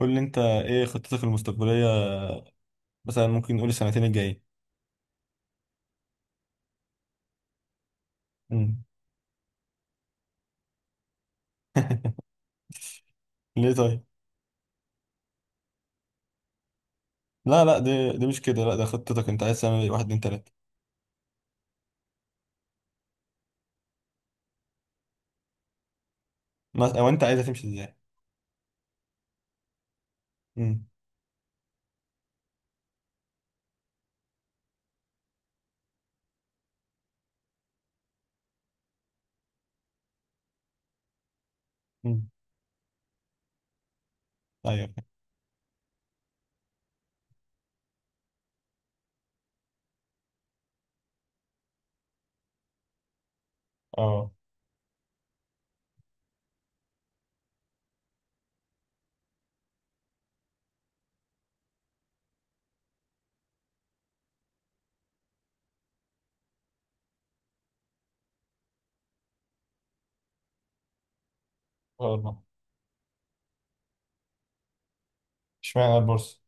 قول لي انت ايه خطتك المستقبلية؟ مثلا ممكن نقول السنتين الجايين. امم ليه طيب؟ لا لا، دي مش كده، لا ده خطتك انت عايز تعمل ايه؟ واحد، اتنين، تلاتة. او انت عايزها تمشي ازاي؟ امم امم ايوه. اه. اه طبعا. اشمعنى البورصة؟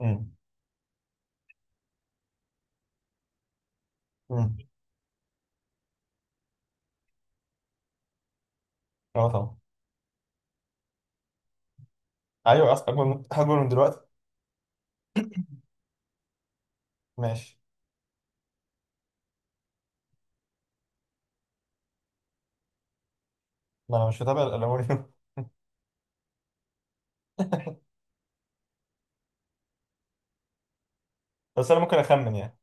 امم امم اه طبعا. ايوه، اكبر من دلوقتي. ماشي. ما انا مش متابع الالومنيوم. بس انا ممكن اخمن يعني.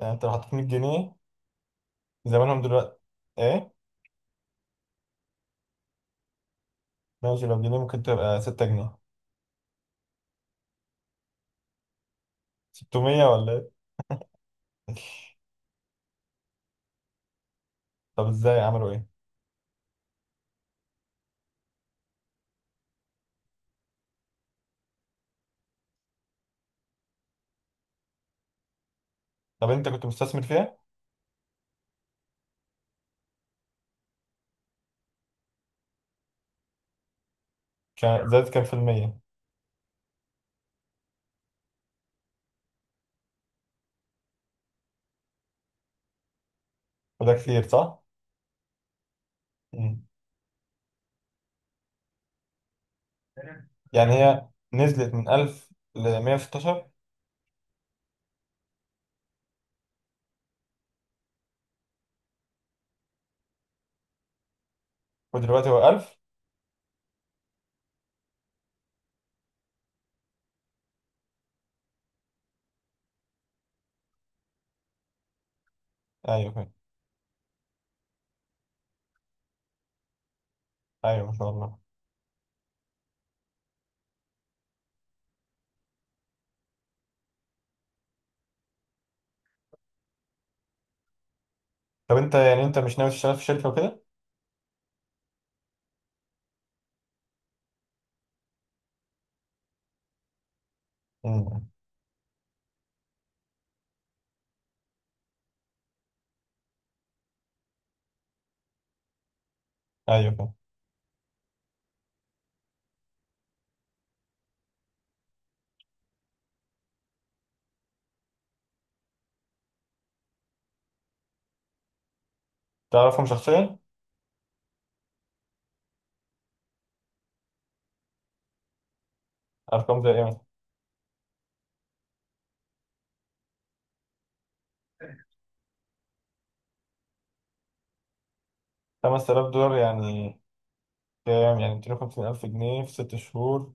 يعني انت لو حطيت 100 جنيه زمانهم دلوقتي ايه؟ ماشي، لو جنيه ممكن تبقى 6 جنيه؟ 600 ولا ايه؟ طب ازاي، عملوا ايه؟ طب انت كنت مستثمر فيها؟ كان زادت كام في المية؟ وده كتير صح؟ مم. يعني هي نزلت من 1000 ل 116 ودلوقتي هو 1000؟ ايوه فاهم. ايوه ما شاء الله. طب انت يعني انت مش ناوي تشتغل في شركة وكده؟ مم. ايوه فاهم. تعرفهم شخصيا؟ ارقام زي ايه مثلا؟ 5000 دولار يعني؟ كام يعني، 250000 جنيه في ست شهور؟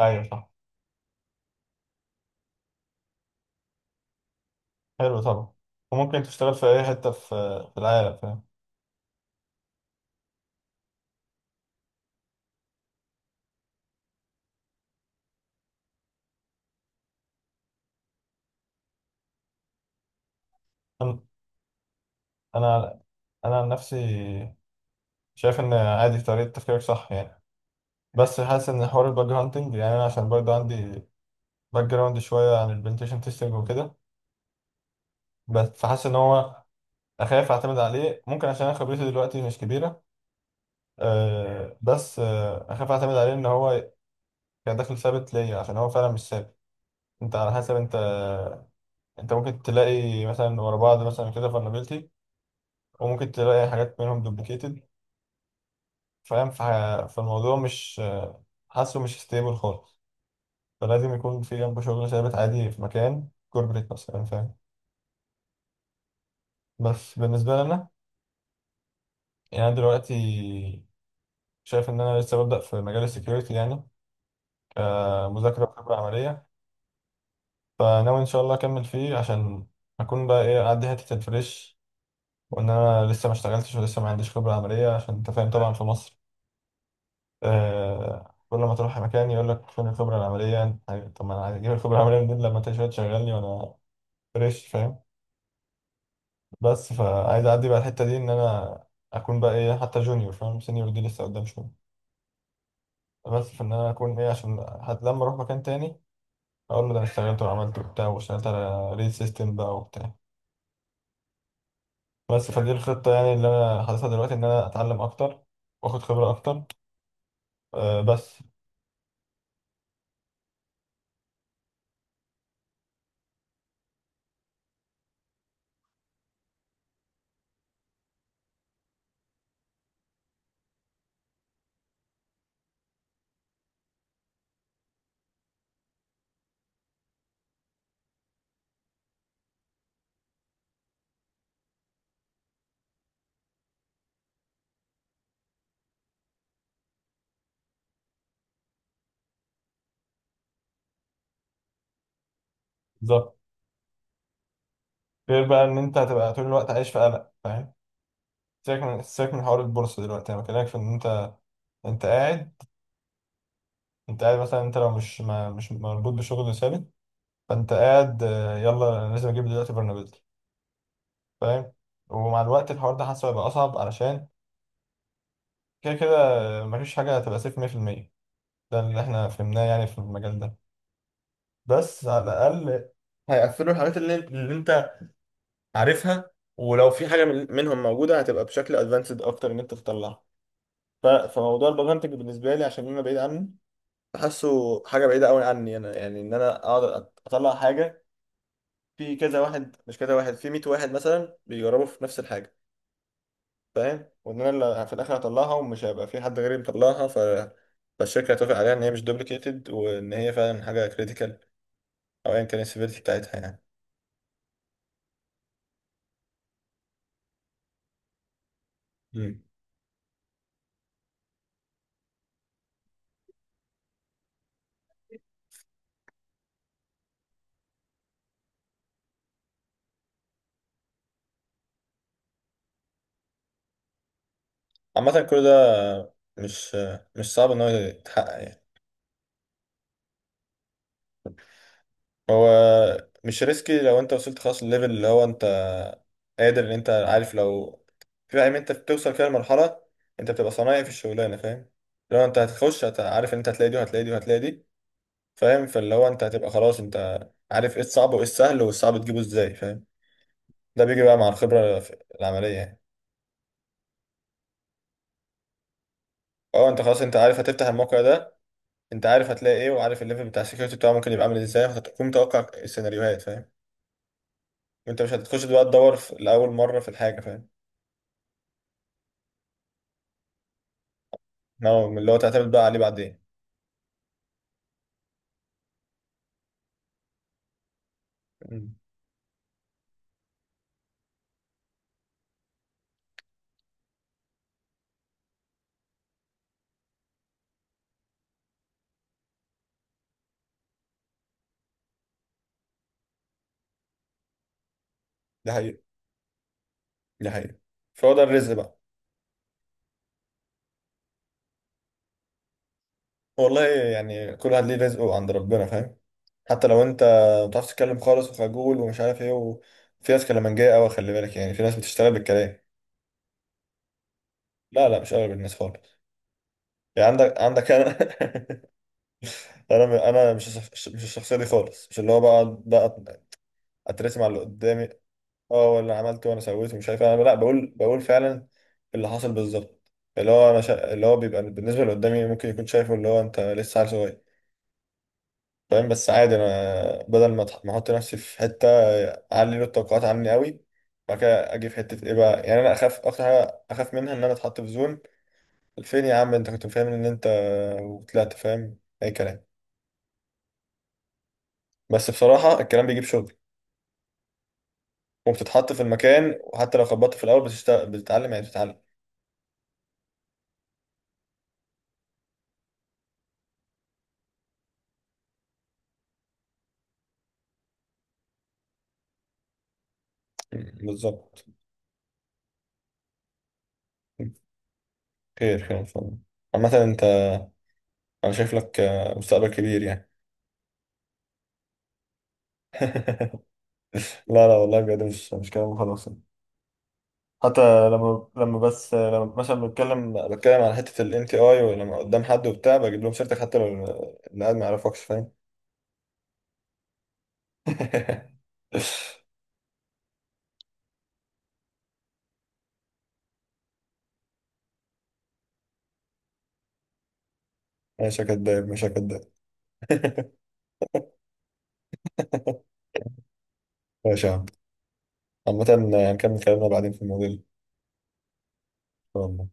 ايوه صح. حلو طبعا. وممكن تشتغل في اي حتة في العالم، فاهم. انا انا أنا عن نفسي شايف ان عادي، طريقة تفكيرك صح يعني. بس حاسس ان حوار الباج هانتنج، يعني انا عشان برضه عندي باك جراوند شويه عن البنتيشن تيستنج وكده، بس فحاسس ان هو اخاف اعتمد عليه، ممكن عشان انا خبرتي دلوقتي مش كبيره. أه بس، اخاف اعتمد عليه ان هو كدخل ثابت ليا عشان هو فعلا مش ثابت. انت على حسب انت، انت ممكن تلاقي مثلا ورا بعض مثلا كده فولنربيلتي، وممكن تلاقي حاجات منهم دوبليكيتد، فاهم. فالموضوع مش، حاسه مش ستيبل خالص. فلازم يكون في جنبه شغل ثابت عادي في مكان كوربريت مثلا، فاهم. بس بالنسبة لي أنا، يعني أنا دلوقتي شايف إن أنا لسه ببدأ في مجال السكيورتي، يعني كمذاكرة وخبرة عملية. فناوي إن شاء الله أكمل فيه، عشان أكون بقى إيه، أعدي حتة الفريش، وإن أنا لسه ما اشتغلتش ولسه ما عنديش خبرة عملية. عشان أنت فاهم طبعا في مصر، كل ما تروح مكان يقول لك فين الخبرة العملية. طب ما أنا عايز أجيب الخبرة العملية منين لما أنت شوية تشغلني وأنا فريش، فاهم. بس فعايز أعدي بقى الحتة دي، إن أنا أكون بقى إيه حتى جونيور، فاهم، سينيور دي لسه قدام شوية. بس في ان انا اكون ايه، عشان حتى لما اروح مكان تاني اقول له ده انا اشتغلت وعملت وبتاع، واشتغلت على ريل سيستم بقى وبتاع. بس فدي الخطة يعني اللي انا حاططها دلوقتي، ان انا اتعلم اكتر واخد خبرة اكتر. أه بس. بالظبط. غير بقى ان انت هتبقى طول الوقت عايش في قلق، فاهم. سيبك من حوار البورصة دلوقتي، انا بكلمك في ان انت، انت قاعد، انت قاعد مثلا، انت لو مش ما مش مربوط بشغل ثابت، فانت قاعد، يلا انا لازم اجيب دلوقتي برنابيز، فاهم. ومع الوقت الحوار ده حاسه هيبقى اصعب، علشان كده كده مفيش حاجة هتبقى سيف 100%. ده اللي احنا فهمناه يعني في المجال ده. بس على الأقل هيقفلوا الحاجات اللي انت عارفها. ولو في حاجة منهم موجودة هتبقى بشكل ادفانسد أكتر إن أنت تطلعها. فموضوع البرمنتج بالنسبة لي عشان أنا بعيد عنه، بحسه حاجة بعيدة أوي عني أنا، يعني إن أنا أقعد أطلع حاجة في كذا واحد، مش كذا واحد، في 100 واحد مثلا بيجربوا في نفس الحاجة، فاهم، وان انا اللي في الاخر هطلعها ومش هيبقى في حد غيري مطلعها، ف فالشركه هتوافق عليها ان هي مش دوبليكيتد وان هي فعلا حاجه كريتيكال، او ايا كان السيفيريتي بتاعتها يعني. مم. عامه كل ده مش مش صعب ان هو يتحقق يعني. هو مش ريسكي لو انت وصلت خلاص الليفل اللي هو انت قادر، ان انت عارف لو في، فاهم، انت بتوصل فيها لمرحله انت بتبقى صنايعي في الشغلانه، فاهم. لو انت هتخش عارف ان انت هتلاقي دي وهتلاقي دي وهتلاقي دي، فاهم، فاللي هو انت هتبقى خلاص انت عارف ايه الصعب وايه السهل، والصعب تجيبه ازاي، فاهم. ده بيجي بقى مع الخبرة العملية يعني. اه انت خلاص انت عارف هتفتح الموقع ده، انت عارف هتلاقي ايه، وعارف الليفل بتاع السكيورتي بتاعه ممكن يبقى عامل إيه ازاي، فهتكون متوقع السيناريوهات، فاهم، وانت مش هتخش بقى تدور في الأول مرة في الحاجة، فاهم، نعم، من اللي هو تعتمد بقى عليه بعدين. مم. ده حقيقي. ده حقيقي. فهو ده الرزق بقى. والله يعني كل واحد ليه رزقه عند ربنا، فاهم. حتى لو انت ما بتعرفش تتكلم خالص وخجول ومش عارف ايه، وفي ناس كلامنجية قوي خلي بالك، يعني في ناس بتشتغل بالكلام. لا لا، مش اغلب الناس خالص. يعني عندك انا، انا مش مش الشخصيه دي خالص، مش اللي هو بقى اترسم على اللي قدامي. اه، ولا عملت وانا سويت ومش عارف إيه، انا لا، بقول فعلا اللي حاصل بالظبط. اللي هو اللي هو بيبقى بالنسبه اللي قدامي ممكن يكون شايفه اللي هو انت لسه عيل صغير، فاهم. بس عادي انا بدل ما ما احط نفسي في حته، اعلي له التوقعات عني قوي، بعد كده اجي في حته ايه بقى. يعني انا اخاف اكتر حاجه اخاف منها، ان انا اتحط في زون فين يا عم، انت كنت فاهم ان انت، وطلعت فاهم اي كلام. بس بصراحه الكلام بيجيب شغل، وبتتحط في المكان، وحتى لو خبطت في الاول بتشتغل بتتعلم يعني، بتتعلم. مم. بالظبط. خير خير ان شاء الله. عامه انت، انا شايف لك، مستقبل كبير يعني. لا لا، والله بجد مش كلام خلاص. حتى لما، لما بس لما مثلا بتكلم على حتة ال NTI، ولما قدام حد وبتاع بجيب لهم سيرتك حتى لو اللي قاعد ما يعرفكش، فاهم. مش هكداب، مش هكداب. ماشي يا عم. عامة، هنكمل كلامنا بعدين في الموضوع ده.